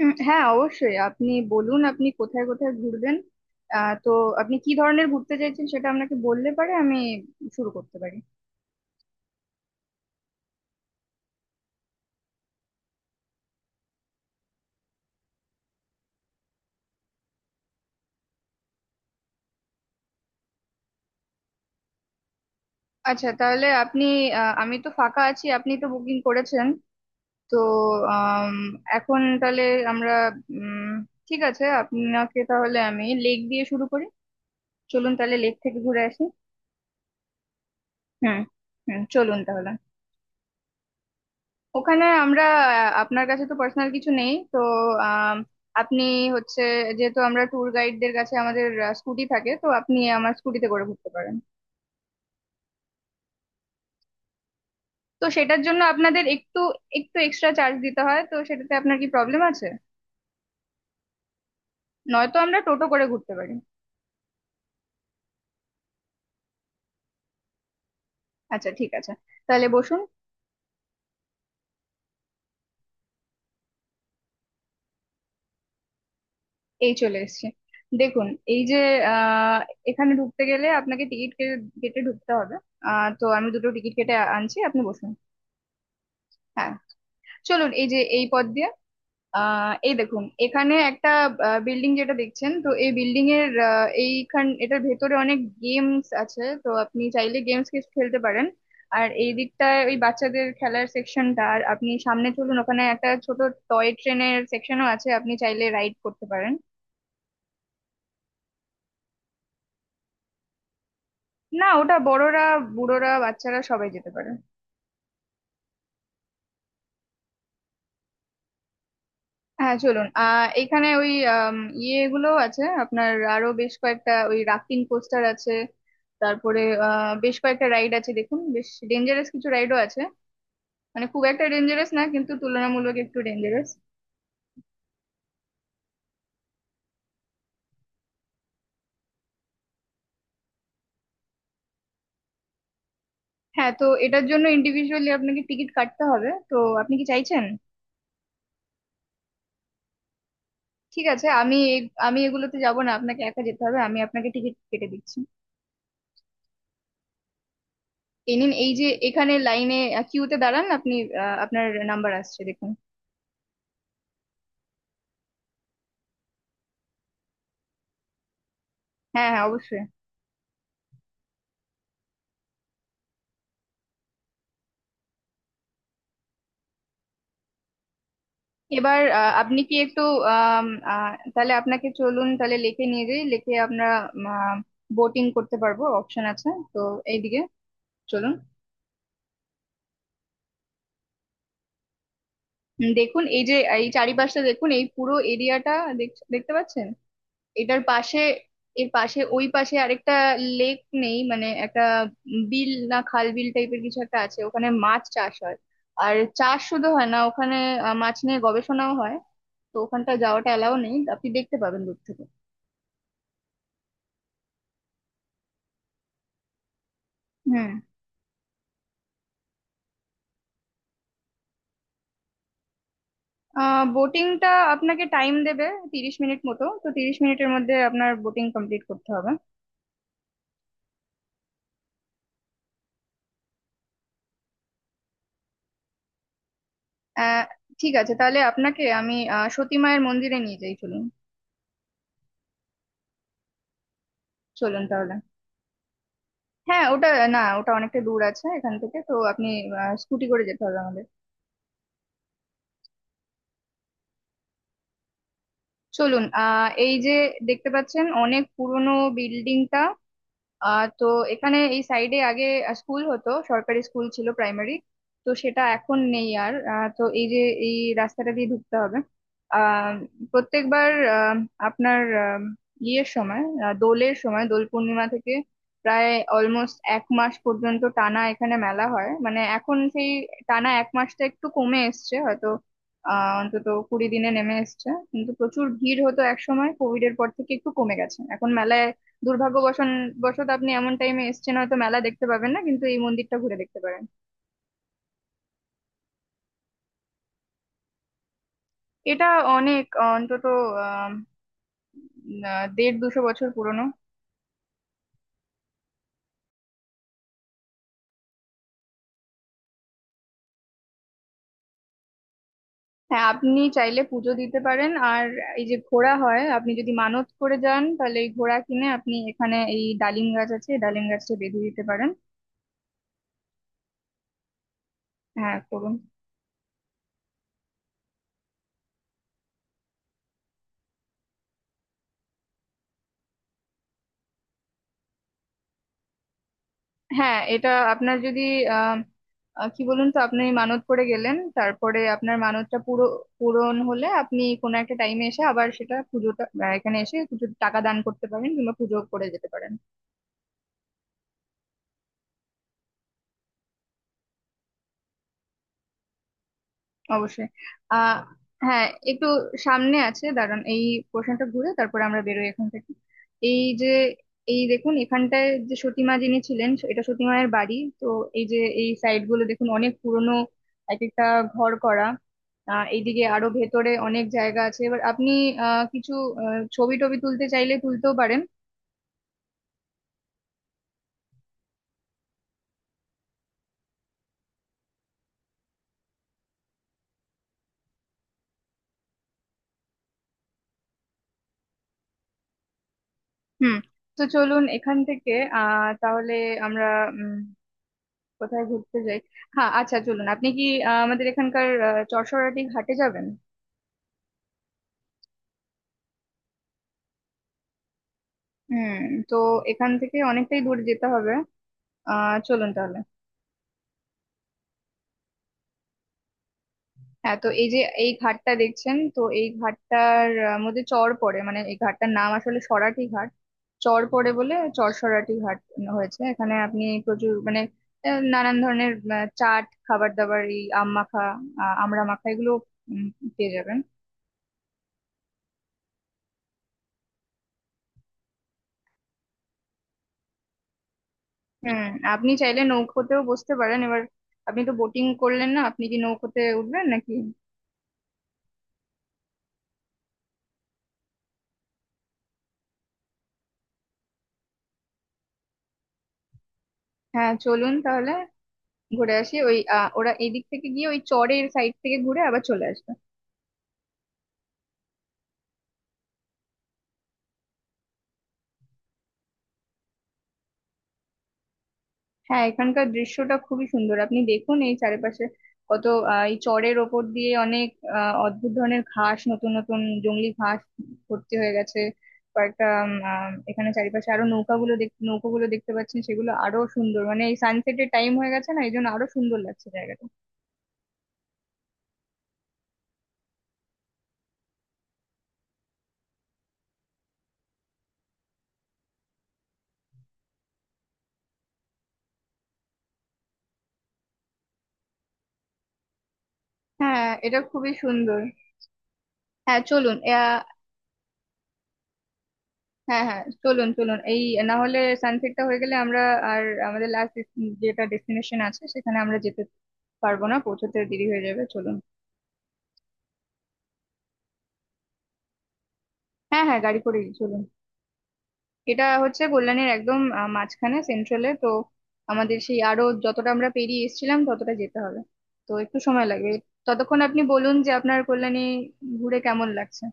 হ্যাঁ, অবশ্যই। আপনি বলুন, আপনি কোথায় কোথায় ঘুরবেন? আহ তো আপনি কি ধরনের ঘুরতে চাইছেন সেটা আপনাকে বললে পারে আমি শুরু করতে পারি। আচ্ছা, তাহলে আপনি আমি তো ফাঁকা আছি, আপনি তো বুকিং করেছেন তো। আম, এখন তাহলে আমরা উম ঠিক আছে, আপনাকে তাহলে আমি লেক দিয়ে শুরু করি। চলুন তাহলে লেক থেকে ঘুরে আসি। হুম, হুম, চলুন তাহলে। ওখানে আমরা আপনার কাছে তো পার্সোনাল কিছু নেই তো। আম, আপনি হচ্ছে যেহেতু আমরা ট্যুর গাইডদের কাছে আমাদের স্কুটি থাকে তো, আপনি আমার স্কুটিতে করে ঘুরতে পারেন। তো সেটার জন্য আপনাদের একটু একটু এক্সট্রা চার্জ দিতে হয় তো, সেটাতে আপনার কি প্রবলেম আছে? নয়তো আমরা টোটো করে ঘুরতে পারি। আচ্ছা, ঠিক আছে, তাহলে বসুন। এই চলে এসেছি, দেখুন এই যে, আহ এখানে ঢুকতে গেলে আপনাকে টিকিট কেটে ঢুকতে হবে। আহ তো আমি দুটো টিকিট কেটে আনছি, আপনি বসুন। হ্যাঁ, চলুন, এই যে এই পথ দিয়ে। এই দেখুন, এখানে একটা বিল্ডিং যেটা দেখছেন তো, এই বিল্ডিং এর এইখান এটার ভেতরে অনেক গেমস আছে তো, আপনি চাইলে গেমস কিছু খেলতে পারেন। আর এই দিকটায় ওই বাচ্চাদের খেলার সেকশনটা, আর আপনি সামনে চলুন, ওখানে একটা ছোট টয় ট্রেনের সেকশনও আছে, আপনি চাইলে রাইড করতে পারেন। না, ওটা বড়রা, বুড়োরা, বাচ্চারা সবাই যেতে পারে। হ্যাঁ, চলুন। এখানে ওই ইয়েগুলো আছে, আপনার আরো বেশ কয়েকটা ওই রাফটিং কোস্টার আছে। তারপরে বেশ কয়েকটা রাইড আছে, দেখুন বেশ ডেঞ্জারাস কিছু রাইডও আছে। মানে খুব একটা ডেঞ্জারাস না, কিন্তু তুলনামূলক একটু ডেঞ্জারাস। হ্যাঁ, তো এটার জন্য ইন্ডিভিজুয়ালি আপনাকে টিকিট কাটতে হবে তো, আপনি কি চাইছেন? ঠিক আছে, আমি এগুলোতে যাব না, আপনাকে একা যেতে হবে, আমি আপনাকে টিকিট কেটে দিচ্ছি। এই নিন, এই যে এখানে লাইনে কিউতে দাঁড়ান আপনি। আপনার নাম্বার আসছে, দেখুন। হ্যাঁ, হ্যাঁ, অবশ্যই। এবার আপনি কি একটু আম, আহ, তাহলে আপনাকে চলুন তাহলে লেকে নিয়ে যাই, লেকে আমরা বোটিং করতে পারবো, অপশন আছে তো। এইদিকে চলুন। দেখুন এই যে এই চারিপাশটা দেখুন, এই পুরো এরিয়াটা দেখতে পাচ্ছেন? এটার পাশে, এর পাশে ওই পাশে আরেকটা লেক নেই, মানে একটা বিল, না খাল বিল টাইপের কিছু একটা আছে। ওখানে মাছ চাষ হয়, আর চাষ শুধু হয় না ওখানে, মাছ নিয়ে গবেষণাও হয়। তো ওখানটা যাওয়াটা এলাও নেই, আপনি দেখতে পাবেন দূর থেকে। হুম। বোটিংটা আপনাকে টাইম দেবে 30 মিনিট মতো, তো 30 মিনিটের মধ্যে আপনার বোটিং কমপ্লিট করতে হবে। আহ ঠিক আছে, তাহলে আপনাকে আমি সতী মায়ের মন্দিরে নিয়ে যাই, চলুন। চলুন তাহলে। হ্যাঁ, ওটা না, ওটা অনেকটা দূর আছে এখান থেকে, তো আপনি স্কুটি করে যেতে হবে আমাদের। চলুন, এই যে দেখতে পাচ্ছেন অনেক পুরনো বিল্ডিংটা। আহ তো এখানে এই সাইডে আগে স্কুল হতো, সরকারি স্কুল ছিল, প্রাইমারি। তো সেটা এখন নেই আর। তো এই যে এই রাস্তাটা দিয়ে ঢুকতে হবে। আহ প্রত্যেকবার আহ, আপনার ইয়ের সময় দোলের সময় দোল পূর্ণিমা থেকে প্রায় অলমোস্ট এক মাস পর্যন্ত টানা এখানে মেলা হয়। মানে এখন সেই টানা এক মাসটা একটু কমে এসছে হয়তো, অন্তত 20 দিনে নেমে এসছে। কিন্তু প্রচুর ভিড় হতো এক সময়, কোভিড এর পর থেকে একটু কমে গেছে এখন মেলায়। দুর্ভাগ্যবশত আপনি এমন টাইমে এসেছেন হয়তো মেলা দেখতে পাবেন না, কিন্তু এই মন্দিরটা ঘুরে দেখতে পারেন। এটা অনেক, অন্তত আহ আহ, 150-200 বছর পুরনো। হ্যাঁ, আপনি চাইলে পুজো দিতে পারেন। আর এই যে ঘোড়া হয়, আপনি যদি মানত করে যান তাহলে এই ঘোড়া কিনে আপনি এখানে এই ডালিম গাছ আছে, এই ডালিম গাছটা বেঁধে দিতে পারেন। হ্যাঁ, করুন। হ্যাঁ, এটা আপনার যদি আহ আহ, কি বলুন তো, আপনি মানত করে গেলেন, তারপরে আপনার মানতটা পুরো পূরণ হলে আপনি কোনো একটা টাইমে এসে আবার সেটা পুজোটা এখানে এসে কিছু টাকা দান করতে পারেন, কিংবা পুজো করে যেতে পারেন। অবশ্যই। আহ হ্যাঁ, একটু সামনে আছে, দাঁড়ান এই পোর্শনটা ঘুরে তারপরে আমরা বেরোই এখান থেকে। এই যে এই দেখুন এখানটায় যে সতীমা যিনি ছিলেন, এটা সতীমায়ের বাড়ি তো। এই যে এই সাইড গুলো দেখুন, অনেক পুরনো এক একটা ঘর করা। এইদিকে আরো ভেতরে অনেক জায়গা আছে। এবার আপনি কিছু ছবি টবি তুলতে চাইলে তুলতেও পারেন। হুম। তো চলুন এখান থেকে। তাহলে আমরা উম কোথায় ঘুরতে যাই? হ্যাঁ, আচ্ছা, চলুন। আপনি কি আমাদের এখানকার চড়সরাটি ঘাটে যাবেন? হুম। তো এখান থেকে অনেকটাই দূরে যেতে হবে। চলুন তাহলে। হ্যাঁ, তো এই যে এই ঘাটটা দেখছেন তো, এই ঘাটটার মধ্যে চর পড়ে, মানে এই ঘাটটার নাম আসলে সরাটি ঘাট, চর পড়ে বলে চরসরাটি ঘাট হয়েছে। এখানে আপনি প্রচুর, মানে নানান ধরনের চাট, খাবার দাবার, এই আম মাখা, আমড়া মাখা, এগুলো উম, পেয়ে যাবেন। হুম। আপনি চাইলে নৌকোতেও বসতে পারেন এবার। আপনি তো বোটিং করলেন না, আপনি কি নৌকোতে উঠবেন নাকি? হ্যাঁ, চলুন তাহলে, ঘুরে আসি ওই ওরা এদিক থেকে গিয়ে ওই চরের সাইড থেকে ঘুরে আবার চলে আসবে। হ্যাঁ, এখানকার দৃশ্যটা খুবই সুন্দর, আপনি দেখুন এই চারিপাশে কত এই চরের ওপর দিয়ে অনেক অদ্ভুত ধরনের ঘাস, নতুন নতুন জংলি ঘাস ভর্তি হয়ে গেছে। কয়েকটা এখানে চারিপাশে আরো নৌকাগুলো নৌকোগুলো দেখতে পাচ্ছেন, সেগুলো আরো সুন্দর। মানে এই সানসেটের টাইম হয়ে গেছে না, এই জন্য আরো সুন্দর লাগছে জায়গাটা। হ্যাঁ, এটা খুবই সুন্দর। হ্যাঁ, চলুন হ্যাঁ, হ্যাঁ, চলুন, চলুন, এই না হলে সানসেটটা হয়ে গেলে আমরা আর আমাদের লাস্ট যেটা ডেস্টিনেশন আছে সেখানে আমরা যেতে পারবো না, পৌঁছতে দেরি হয়ে যাবে। চলুন। হ্যাঁ, হ্যাঁ, গাড়ি করেই চলুন। এটা হচ্ছে কল্যাণীর একদম মাঝখানে, সেন্ট্রালে তো। আমাদের সেই আরো যতটা আমরা পেরিয়ে এসেছিলাম ততটা যেতে হবে, তো একটু সময় লাগবে। ততক্ষণ আপনি বলুন যে আপনার কল্যাণী ঘুরে কেমন লাগছে।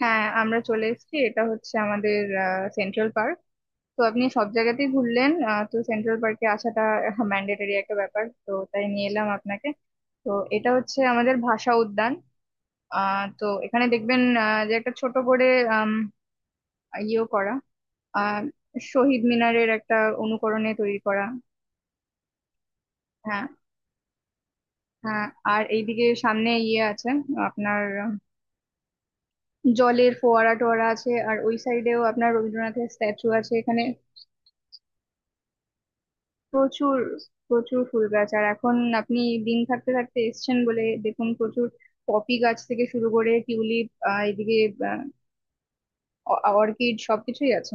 হ্যাঁ, আমরা চলে এসেছি। এটা হচ্ছে আমাদের সেন্ট্রাল পার্ক। তো আপনি সব জায়গাতেই ঘুরলেন, তো সেন্ট্রাল পার্কে আসাটা ম্যান্ডেটরি একটা ব্যাপার তো, তাই নিয়ে এলাম আপনাকে। তো এটা হচ্ছে আমাদের ভাষা উদ্যান। তো এখানে দেখবেন যে একটা ছোট করে আম, ইয়েও করা আহ, শহীদ মিনারের একটা অনুকরণে তৈরি করা। হ্যাঁ, হ্যাঁ। আর এইদিকে সামনে ইয়ে আছে, আপনার জলের ফোয়ারা টোয়ারা আছে। আর ওই সাইডেও আপনার রবীন্দ্রনাথের স্ট্যাচু আছে এখানে। প্রচুর, প্রচুর ফুল গাছ। আর এখন আপনি দিন থাকতে থাকতে এসছেন বলে দেখুন প্রচুর পপি গাছ থেকে শুরু করে টিউলিপ, এদিকে অর্কিড সবকিছুই আছে।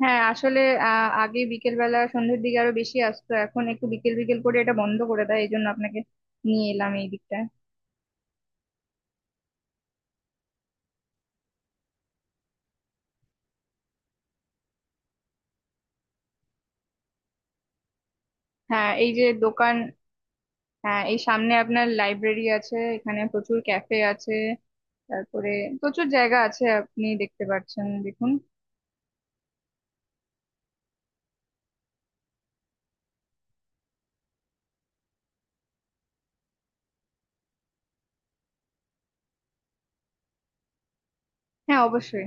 হ্যাঁ, আসলে আগে বিকেল বেলা সন্ধ্যের দিকে আরো বেশি আসতো, এখন একটু বিকেল বিকেল করে এটা বন্ধ করে দেয়, এই জন্য আপনাকে নিয়ে এলাম এই দিকটায়। হ্যাঁ, এই যে দোকান। হ্যাঁ, এই সামনে আপনার লাইব্রেরি আছে, এখানে প্রচুর ক্যাফে আছে। তারপরে প্রচুর জায়গা আছে, আপনি দেখতে পাচ্ছেন, দেখুন। হ্যাঁ, অবশ্যই।